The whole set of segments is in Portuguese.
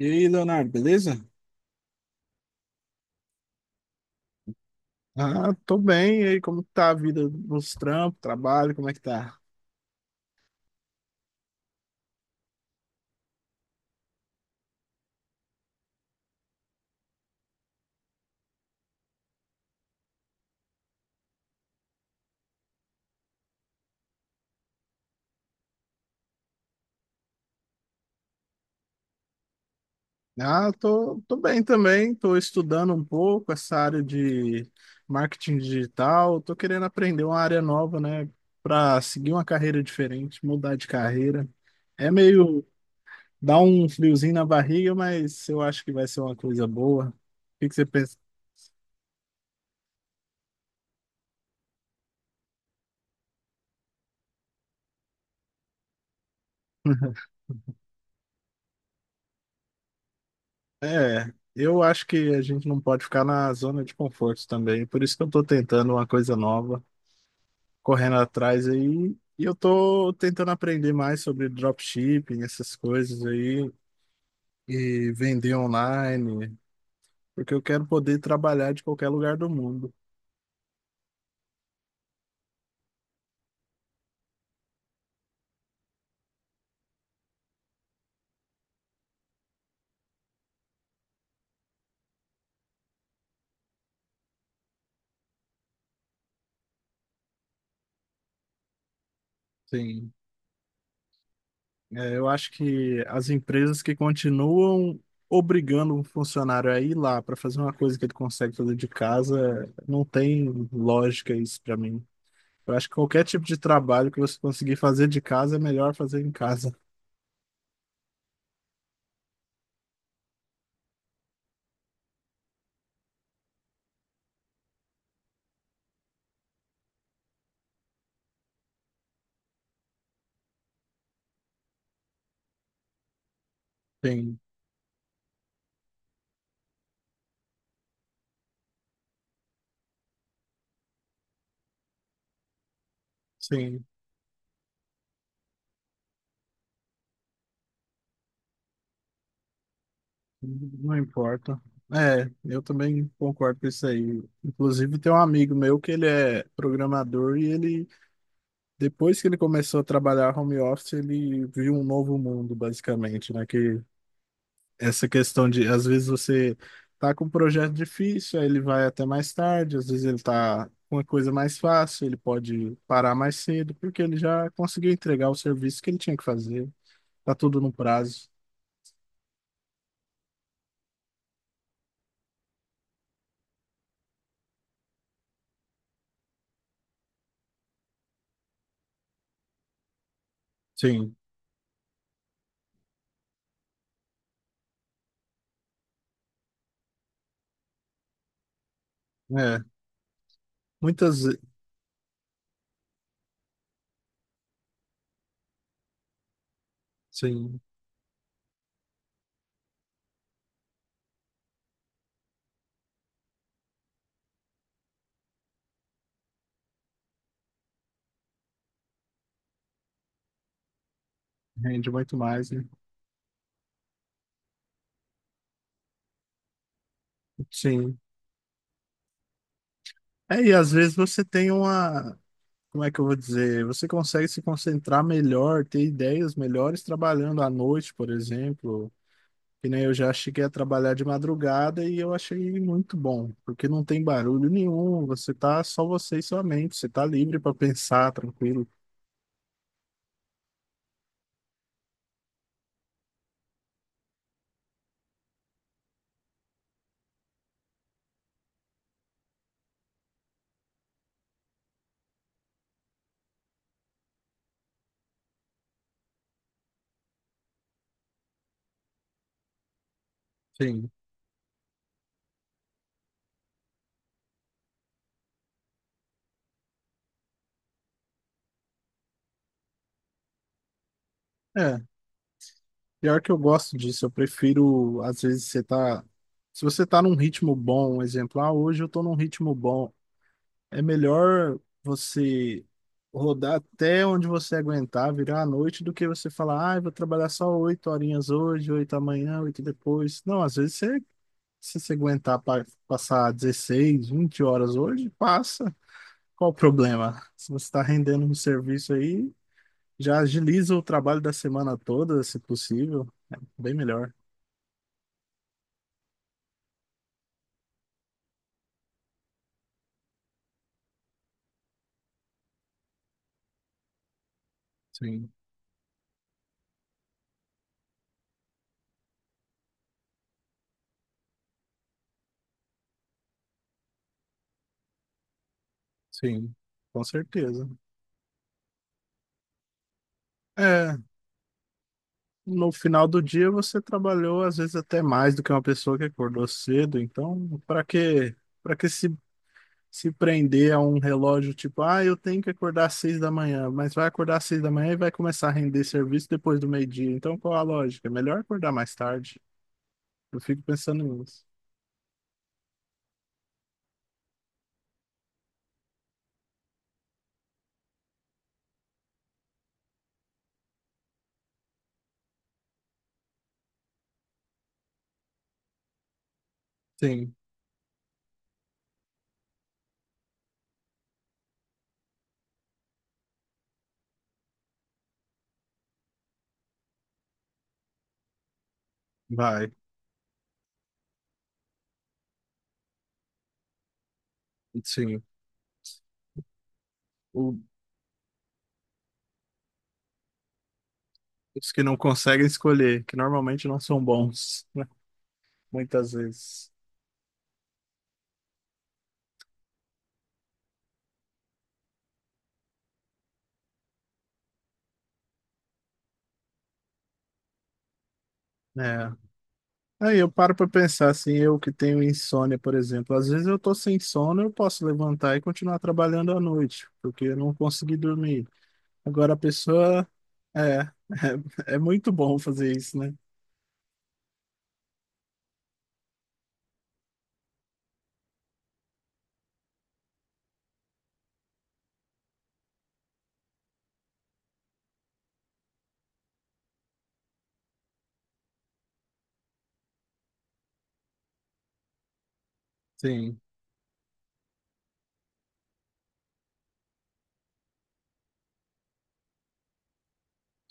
E aí, Leonardo, beleza? Ah, tô bem. E aí, como que tá a vida nos trampos, trabalho, como é que tá? Ah, tô bem também. Tô estudando um pouco essa área de marketing digital. Tô querendo aprender uma área nova, né? Pra seguir uma carreira diferente, mudar de carreira. É meio dá um friozinho na barriga, mas eu acho que vai ser uma coisa boa. O que que você pensa? É, eu acho que a gente não pode ficar na zona de conforto também. Por isso que eu tô tentando uma coisa nova, correndo atrás aí. E eu tô tentando aprender mais sobre dropshipping, essas coisas aí, e vender online, porque eu quero poder trabalhar de qualquer lugar do mundo. Sim. É, eu acho que as empresas que continuam obrigando um funcionário a ir lá para fazer uma coisa que ele consegue fazer de casa, não tem lógica isso para mim. Eu acho que qualquer tipo de trabalho que você conseguir fazer de casa é melhor fazer em casa. Sim, sim. Não importa. É, eu também concordo com isso aí. Inclusive, tem um amigo meu que ele é programador e ele, depois que ele começou a trabalhar home office, ele viu um novo mundo, basicamente, né? Que essa questão de, às vezes, você tá com um projeto difícil, aí ele vai até mais tarde, às vezes ele tá com uma coisa mais fácil, ele pode parar mais cedo, porque ele já conseguiu entregar o serviço que ele tinha que fazer. Tá tudo no prazo. Sim, é. Muitas, ve- sim. Rende muito mais, né? Sim. É, e às vezes você tem uma. Como é que eu vou dizer? Você consegue se concentrar melhor, ter ideias melhores trabalhando à noite, por exemplo. Que nem eu já cheguei a trabalhar de madrugada e eu achei muito bom, porque não tem barulho nenhum, você tá só você e sua mente, você tá livre para pensar, tranquilo. Sim. É, pior que eu gosto disso, eu prefiro, às vezes, você tá. Se você tá num ritmo bom, um exemplo, ah, hoje eu tô num ritmo bom. É melhor você rodar até onde você aguentar, virar à noite, do que você falar, ah, eu vou trabalhar só 8 horinhas hoje, oito amanhã, oito depois. Não, às vezes você, se você aguentar passar 16, 20 horas hoje, passa. Qual o problema? Se você está rendendo um serviço aí, já agiliza o trabalho da semana toda, se possível. É bem melhor. Sim, sim, com certeza. É, no final do dia você trabalhou às vezes até mais do que uma pessoa que acordou cedo, então para que se prender a um relógio tipo, ah, eu tenho que acordar às 6 da manhã, mas vai acordar às 6 da manhã e vai começar a render serviço depois do meio-dia. Então qual a lógica? É melhor acordar mais tarde. Eu fico pensando nisso. Sim, vai. Sim. O- os que não conseguem escolher, que normalmente não são bons, né? Muitas vezes. É. Aí eu paro pra pensar assim, eu que tenho insônia, por exemplo, às vezes eu tô sem sono, eu posso levantar e continuar trabalhando à noite, porque eu não consegui dormir. Agora a pessoa é, é muito bom fazer isso, né? Sim,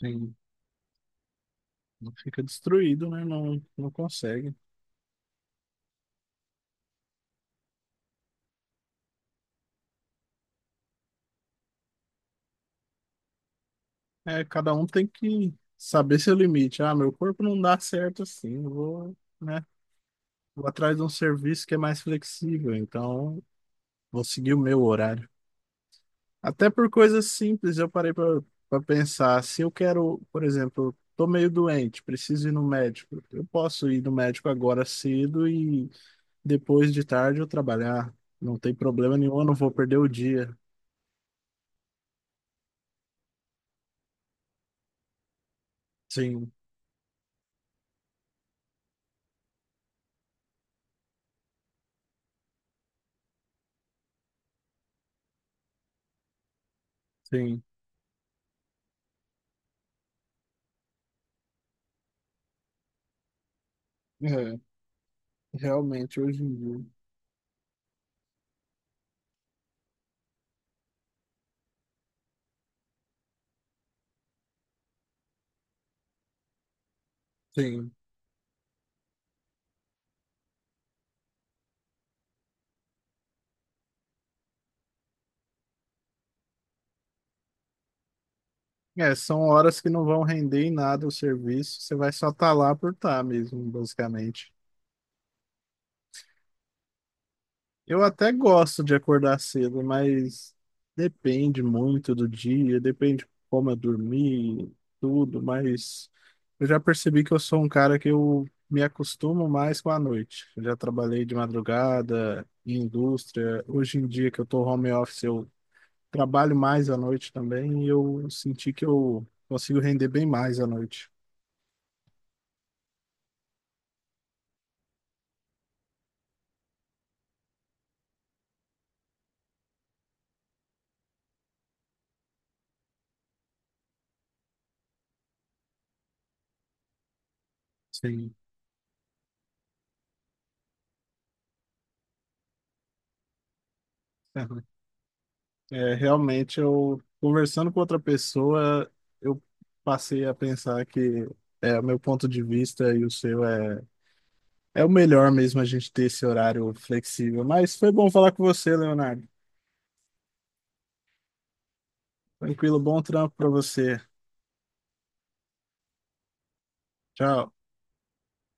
sim. Não, fica destruído, né? Não, não consegue. É, cada um tem que saber seu limite. Ah, meu corpo não dá certo assim, eu vou, né? Vou atrás de um serviço que é mais flexível, então vou seguir o meu horário. Até por coisas simples, eu parei para pensar. Se eu quero, por exemplo, estou meio doente, preciso ir no médico. Eu posso ir no médico agora cedo e depois de tarde eu trabalhar. Não tem problema nenhum, eu não vou perder o dia. Sim, sim. É, realmente, hoje em dia. Sim. É, são horas que não vão render em nada o serviço. Você vai só estar lá por estar mesmo, basicamente. Eu até gosto de acordar cedo, mas depende muito do dia, depende como eu dormi, tudo, mas eu já percebi que eu sou um cara que eu me acostumo mais com a noite. Eu já trabalhei de madrugada, em indústria. Hoje em dia que eu tô home office, eu trabalho mais à noite também e eu senti que eu consigo render bem mais à noite. Sim. É, realmente, eu conversando com outra pessoa, eu passei a pensar que é, o meu ponto de vista e o seu é, é o melhor mesmo a gente ter esse horário flexível. Mas foi bom falar com você, Leonardo. Tranquilo, bom trampo para você. Tchau.